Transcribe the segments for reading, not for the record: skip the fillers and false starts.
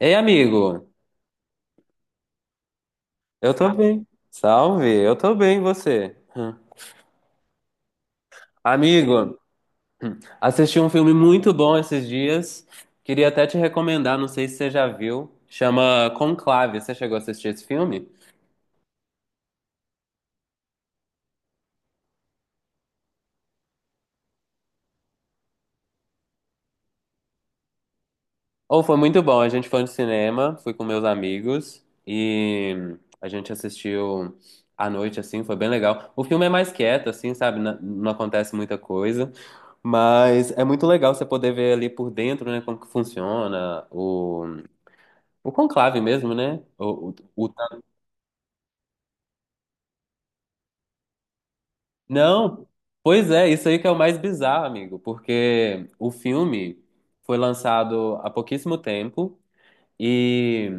Ei, amigo, eu tô bem. Salve, eu tô bem, e você? Hum. Amigo, assisti um filme muito bom esses dias. Queria até te recomendar, não sei se você já viu. Chama Conclave. Você chegou a assistir esse filme? Ou foi muito bom. A gente foi no cinema, fui com meus amigos e a gente assistiu à noite, assim, foi bem legal. O filme é mais quieto, assim, sabe? Não acontece muita coisa. Mas é muito legal você poder ver ali por dentro, né, como que funciona o conclave mesmo, né? O- Não, pois é, isso aí que é o mais bizarro, amigo, porque o filme foi lançado há pouquíssimo tempo e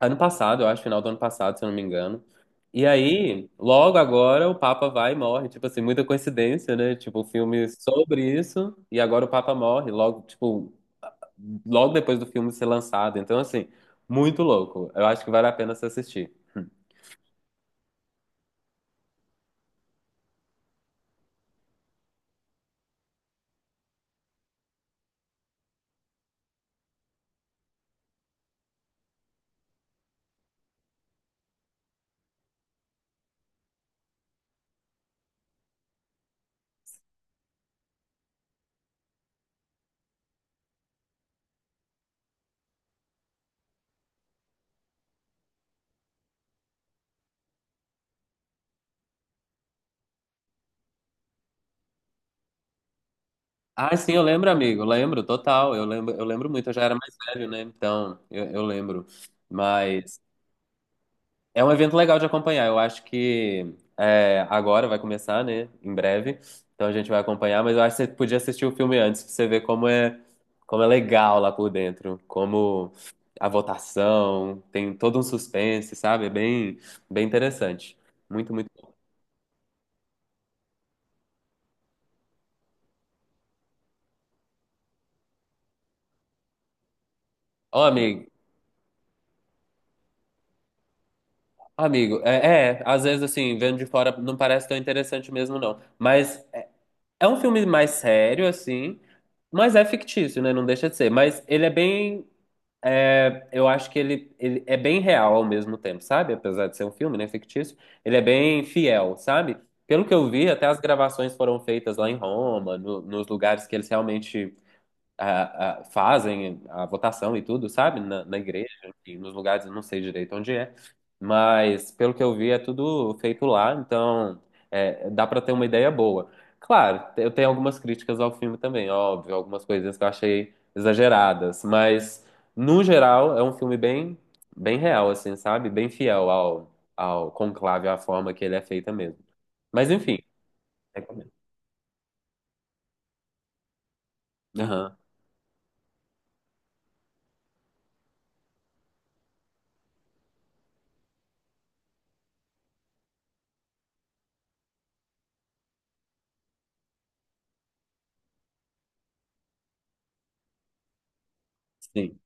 ano passado, eu acho, final do ano passado, se eu não me engano. E aí, logo agora, o Papa vai e morre. Tipo assim, muita coincidência, né? Tipo, o filme sobre isso e agora o Papa morre, logo, tipo, logo depois do filme ser lançado. Então, assim, muito louco. Eu acho que vale a pena se assistir. Ah, sim, eu lembro, amigo, lembro, total. Eu lembro muito, eu já era mais velho, né? Então, eu lembro. Mas é um evento legal de acompanhar. Eu acho que é, agora vai começar, né? Em breve. Então a gente vai acompanhar, mas eu acho que você podia assistir o filme antes pra você ver como é legal lá por dentro, como a votação, tem todo um suspense, sabe? É bem, bem interessante. Muito, muito. Ó, amigo, amigo, às vezes assim, vendo de fora não parece tão interessante mesmo, não. Mas é um filme mais sério, assim, mas é fictício, né? Não deixa de ser. Mas ele é bem. Eu acho que ele é bem real ao mesmo tempo, sabe? Apesar de ser um filme, né? Fictício, ele é bem fiel, sabe? Pelo que eu vi, até as gravações foram feitas lá em Roma, nos lugares que eles realmente fazem a votação e tudo, sabe? Na igreja, enfim, nos lugares, eu não sei direito onde é, mas pelo que eu vi é tudo feito lá, então é, dá para ter uma ideia boa. Claro, eu tenho algumas críticas ao filme também, óbvio, algumas coisas que eu achei exageradas, mas no geral é um filme bem, bem real, assim, sabe? Bem fiel ao, ao conclave, à forma que ele é feita mesmo. Mas enfim, recomendo. Aham, sim.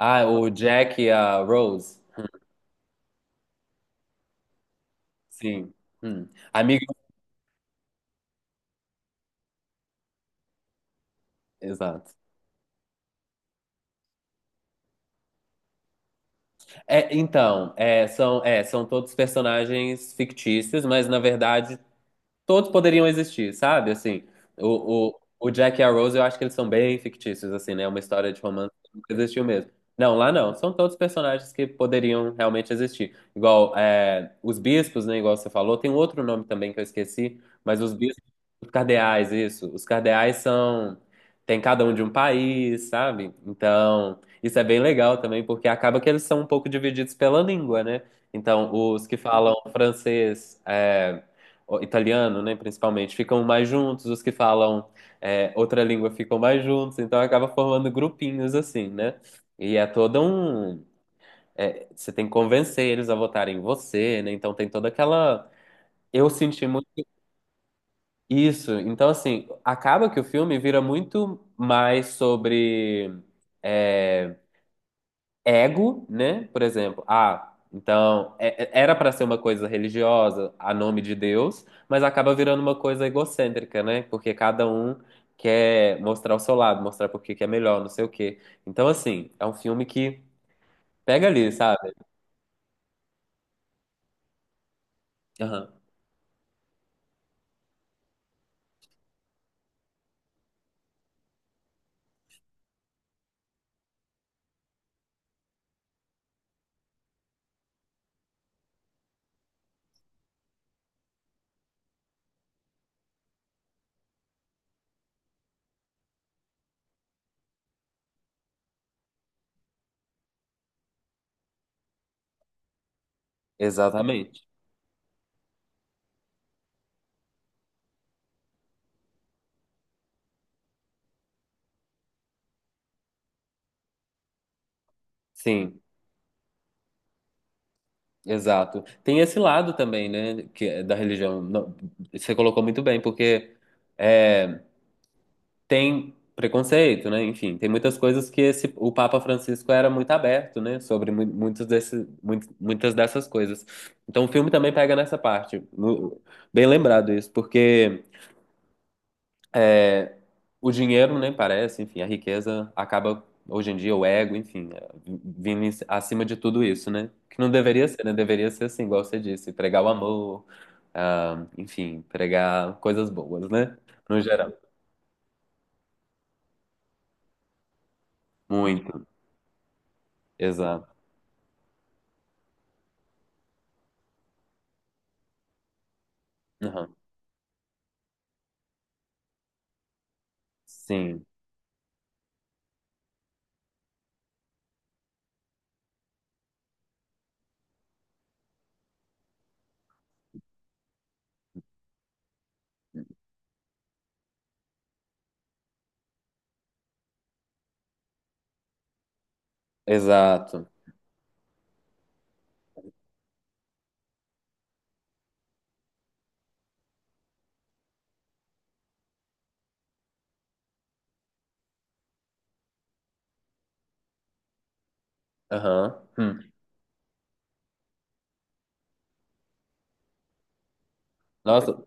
Ah, o Jack e a Rose. Sim. Hum. Amigo. Exato. É, então, são todos personagens fictícios, mas na verdade todos poderiam existir, sabe? Assim, o Jack e a Rose, eu acho que eles são bem fictícios, assim, né? É uma história de romance que nunca existiu mesmo. Não, lá não. São todos personagens que poderiam realmente existir. Igual é, os bispos, né? Igual você falou, tem um outro nome também que eu esqueci, mas os bispos, os cardeais, isso. Os cardeais são. Tem cada um de um país, sabe? Então, isso é bem legal também, porque acaba que eles são um pouco divididos pela língua, né? Então, os que falam francês. O- italiano, né, principalmente, ficam mais juntos, os que falam outra língua ficam mais juntos, então acaba formando grupinhos assim, né? E é todo um. Você tem que convencer eles a votarem em você, né? Então tem toda aquela. Eu senti muito isso. Então, assim, acaba que o filme vira muito mais sobre. é, ego, né? Por exemplo, ah, então era para ser uma coisa religiosa, a nome de Deus, mas acaba virando uma coisa egocêntrica, né? Porque cada um quer mostrar o seu lado, mostrar por que que é melhor, não sei o quê. Então, assim, é um filme que pega ali, sabe? Aham. Exatamente. Sim, exato. Tem esse lado também, né? Que é da religião. Não, você colocou muito bem, porque é, tem preconceito, né? Enfim, tem muitas coisas que esse, o Papa Francisco era muito aberto, né? Sobre muitos desse, muitas dessas coisas. Então o filme também pega nessa parte. Bem lembrado isso, porque o dinheiro, né, parece, enfim, a riqueza acaba hoje em dia, o ego, enfim, é, acima de tudo isso, né? Que não deveria ser, né? Deveria ser assim, igual você disse, pregar o amor, ah, enfim, pregar coisas boas, né? No geral. Muito, exato. Aham. Sim. Exato. Aham. Hum. Nossa,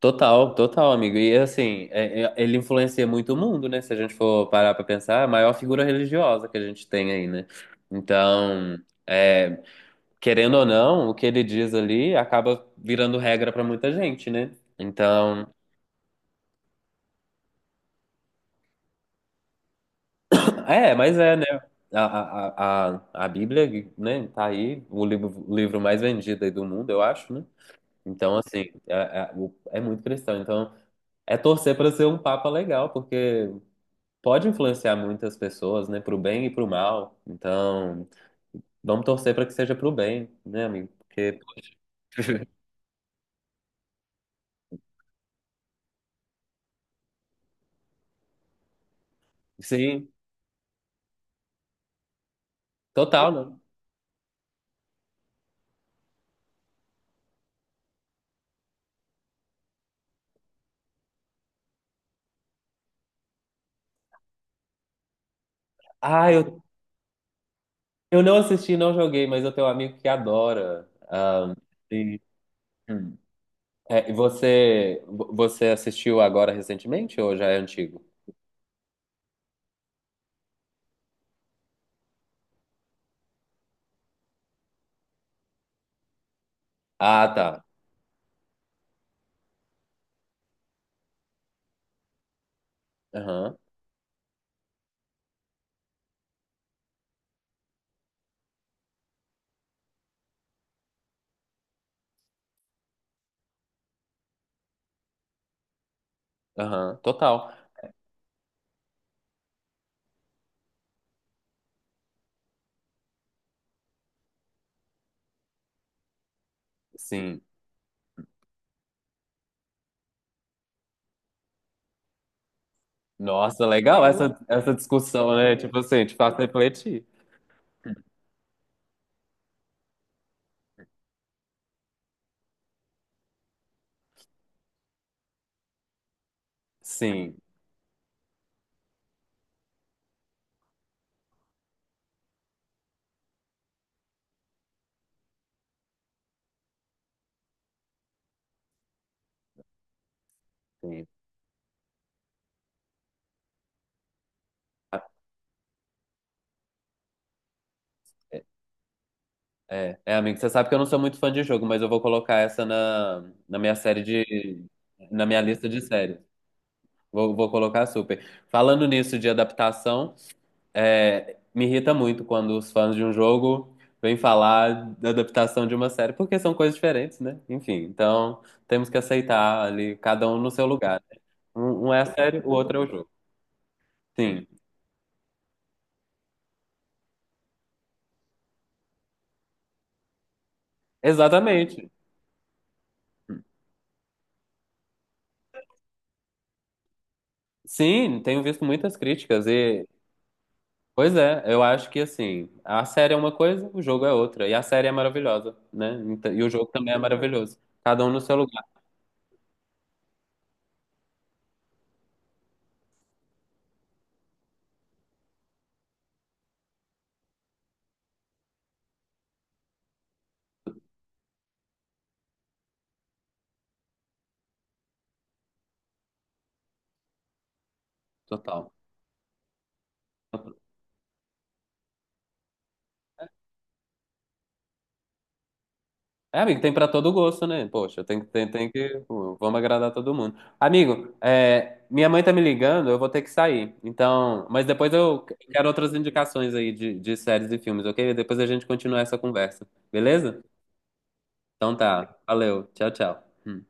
total, total, amigo. E assim, ele influencia muito o mundo, né? Se a gente for parar pra pensar, é a maior figura religiosa que a gente tem aí, né? Então, é, querendo ou não, o que ele diz ali acaba virando regra pra muita gente, né? Então, é, mas é, né? A Bíblia, né, tá aí, o livro mais vendido aí do mundo, eu acho, né? Então, assim, o- é muito cristão. Então. É torcer para ser um papa legal, porque pode influenciar muitas pessoas, né, para o bem e para o mal. Então, vamos torcer para que seja para o bem, né, amigo? Porque sim, total, né? Ah, eu não assisti, não joguei, mas eu tenho um amigo que adora. Ah, e, hum. É, e você, você assistiu agora recentemente ou já é antigo? Ah, tá. Aham, aham, total. Sim. Nossa, legal essa, essa discussão, né? Tipo assim, te faz refletir. Sim. É, é, amigo, você sabe que eu não sou muito fã de jogo, mas eu vou colocar essa na, na minha série de, na minha lista de séries. Vou colocar super. Falando nisso de adaptação, é, me irrita muito quando os fãs de um jogo vêm falar da adaptação de uma série, porque são coisas diferentes, né? Enfim, então temos que aceitar ali, cada um no seu lugar. Né? Um é a série, o outro é o jogo. Sim, exatamente. Sim, tenho visto muitas críticas e pois é, eu acho que assim, a série é uma coisa, o jogo é outra. E a série é maravilhosa, né? Então- e o jogo também é maravilhoso. Cada um no seu lugar, total. É, amigo, tem pra todo gosto, né? Poxa, tem que. Pô, vamos agradar todo mundo. Amigo, é, minha mãe tá me ligando, eu vou ter que sair. Então, mas depois eu quero outras indicações aí de séries e filmes, ok? Depois a gente continua essa conversa, beleza? Então tá, valeu, tchau, tchau. Hum.